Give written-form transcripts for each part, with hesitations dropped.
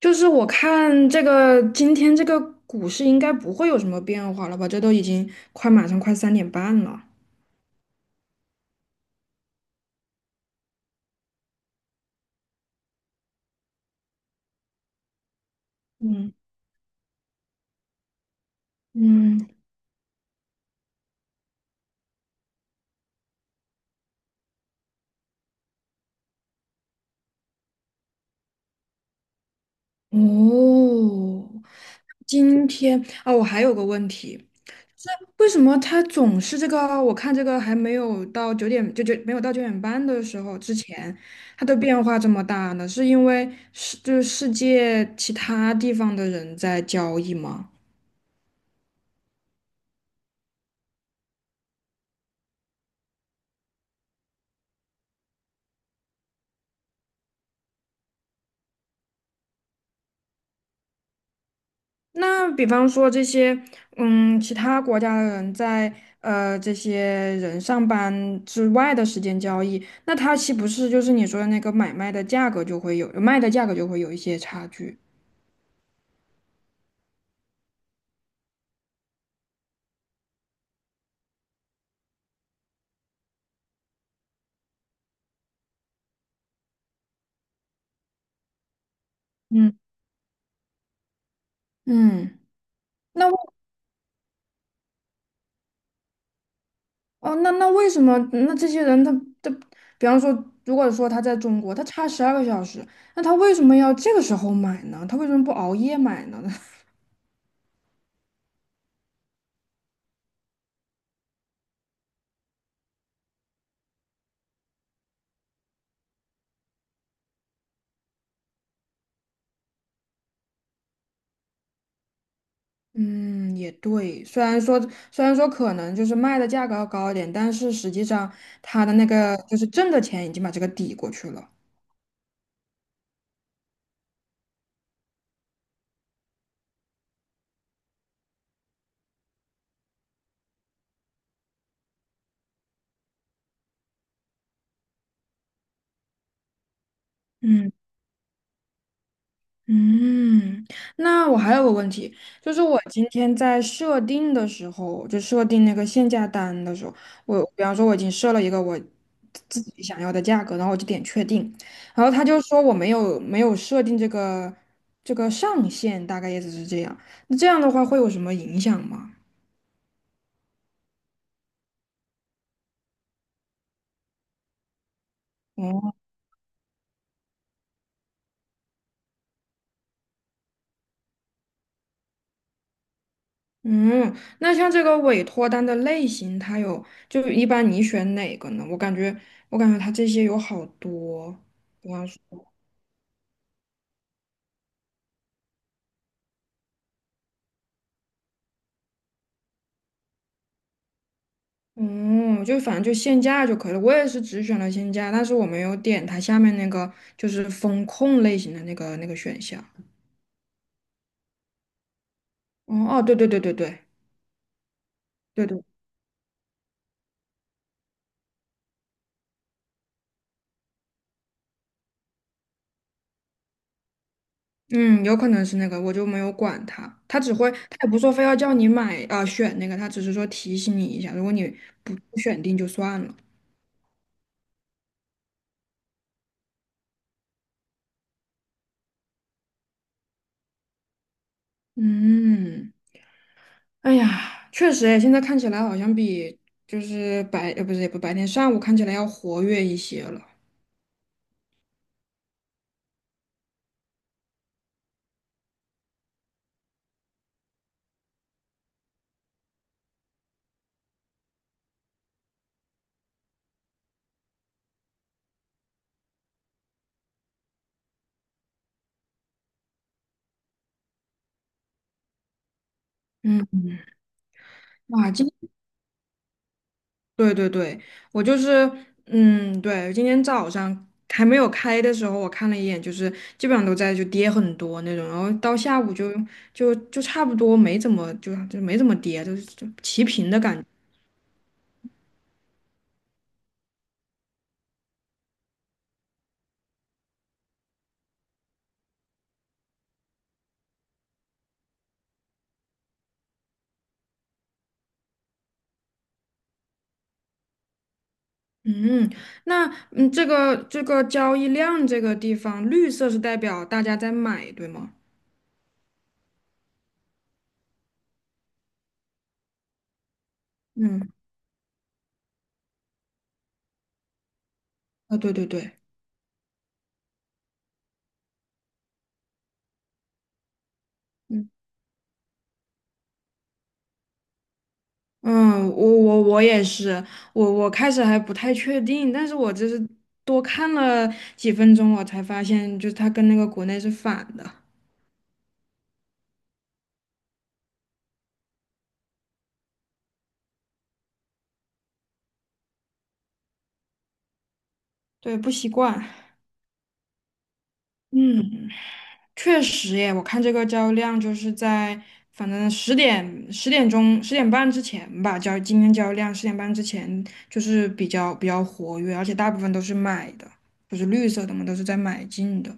就是我看这个今天这个股市应该不会有什么变化了吧？这都已经马上快3点半了。嗯嗯。哦，今天啊，我还有个问题，为什么它总是这个？我看这个还没有到九点，就没有到9点半的时候之前，它的变化这么大呢？是因为世就是世界其他地方的人在交易吗？那比方说这些，其他国家的人在这些人上班之外的时间交易，那他岂不是就是你说的那个买卖的价格就会有，卖的价格就会有一些差距？嗯。嗯，那为哦，那为什么那这些人他，比方说，如果说他在中国，他差12个小时，那他为什么要这个时候买呢？他为什么不熬夜买呢？嗯，也对。虽然说可能就是卖的价格要高一点，但是实际上他的那个就是挣的钱已经把这个抵过去了。嗯嗯，那我还有个问题，就是我今天在设定的时候，就设定那个限价单的时候，我比方说我已经设了一个我自己想要的价格，然后我就点确定，然后他就说我没有设定这个上限，大概意思是这样。那这样的话会有什么影响吗？哦。嗯，那像这个委托单的类型，它有，就一般你选哪个呢？我感觉它这些有好多，比方说，嗯，就反正就限价就可以了。我也是只选了限价，但是我没有点它下面那个就是风控类型的那个选项。哦哦，对对对对对对对。嗯，有可能是那个，我就没有管它，它只会，它也不说非要叫你买啊、选那个，它只是说提醒你一下，如果你不选定就算了。嗯。哎呀，确实诶，现在看起来好像比就是白，不是也不白天上午看起来要活跃一些了。嗯，哇，对对对，我就是，嗯，对，今天早上还没有开的时候，我看了一眼，就是基本上都在就跌很多那种，然后到下午就差不多没怎么没怎么跌，就是就齐平的感觉。嗯，那这个交易量这个地方，绿色是代表大家在买，对吗？嗯，啊，对对对。嗯。嗯，我也是，我开始还不太确定，但是我就是多看了几分钟，我才发现，就是它跟那个国内是反的，对，不习惯。嗯，确实耶，我看这个交易量就是在反正十点10点钟十点半之前吧，今天交易量十点半之前就是比较活跃，而且大部分都是买的，不是绿色的嘛，都是在买进的。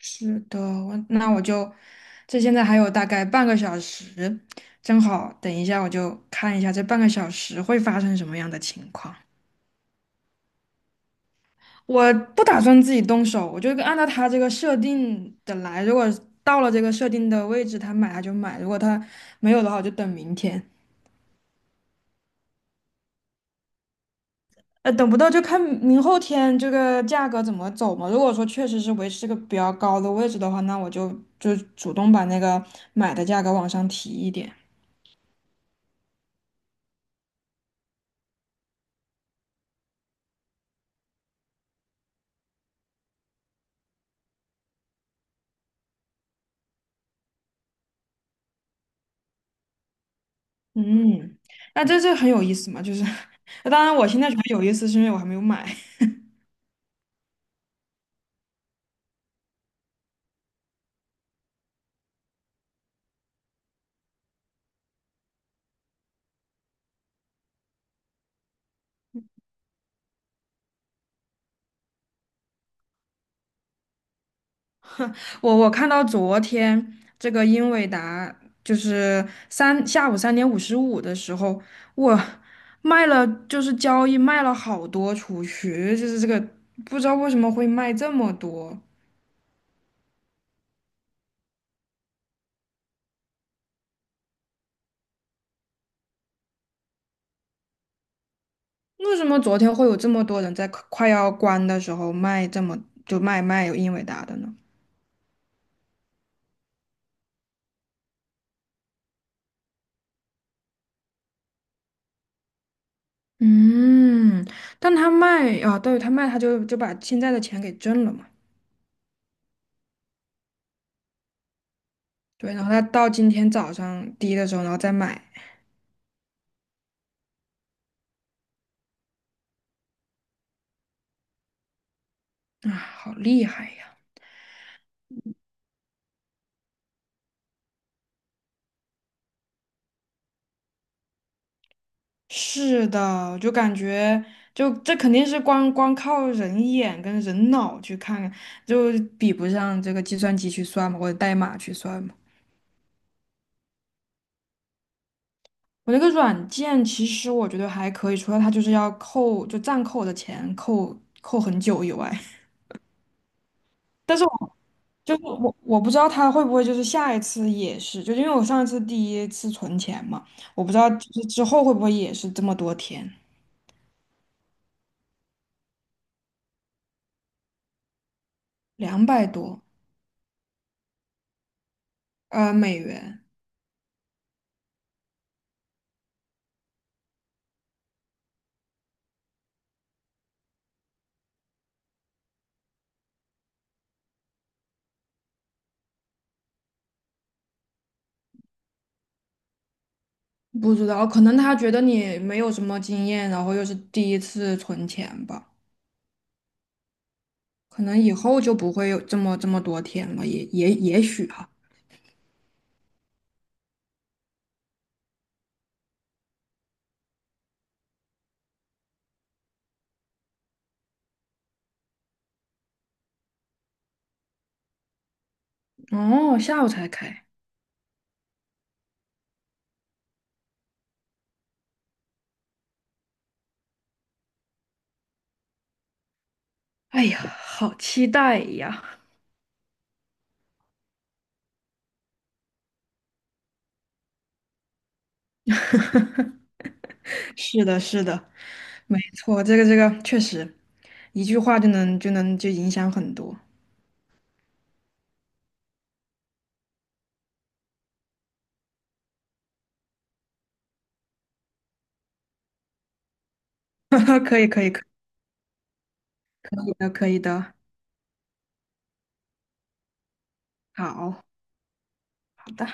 是的，我那我就，这现在还有大概半个小时，正好等一下我就看一下这半个小时会发生什么样的情况。我不打算自己动手，我就按照他这个设定的来。如果到了这个设定的位置，他就买；如果他没有的话，我就等明天。等不到就看明后天这个价格怎么走嘛。如果说确实是维持这个比较高的位置的话，那我就主动把那个买的价格往上提一点。嗯，那这很有意思嘛，就是，当然我现在觉得有意思，是因为我还没有买。我看到昨天这个英伟达就是下午3点55的时候，我卖了，就是交易卖了好多出去，就是这个不知道为什么会卖这么多，为什么昨天会有这么多人在快要关的时候卖这么就卖有英伟达的呢？嗯，但他卖啊，对，他卖，他就把现在的钱给挣了嘛。对，然后他到今天早上低的时候，然后再买，啊，好厉害呀！是的，就感觉就这肯定是光光靠人眼跟人脑去看看，就比不上这个计算机去算嘛，或者代码去算嘛。我那个软件其实我觉得还可以，除了它就是要扣，就暂扣我的钱扣很久以外。但是我。就我不知道他会不会就是下一次也是，就因为我上一次第一次存钱嘛，我不知道就是之后会不会也是这么多天，两百多美元，不知道，可能他觉得你没有什么经验，然后又是第一次存钱吧，可能以后就不会有这么多天了，也许哈。哦，下午才开，哎呀，好期待呀！是的，是的，没错，这个确实，一句话就能就影响很多。可以，可以，可以的，可以的，好，好的。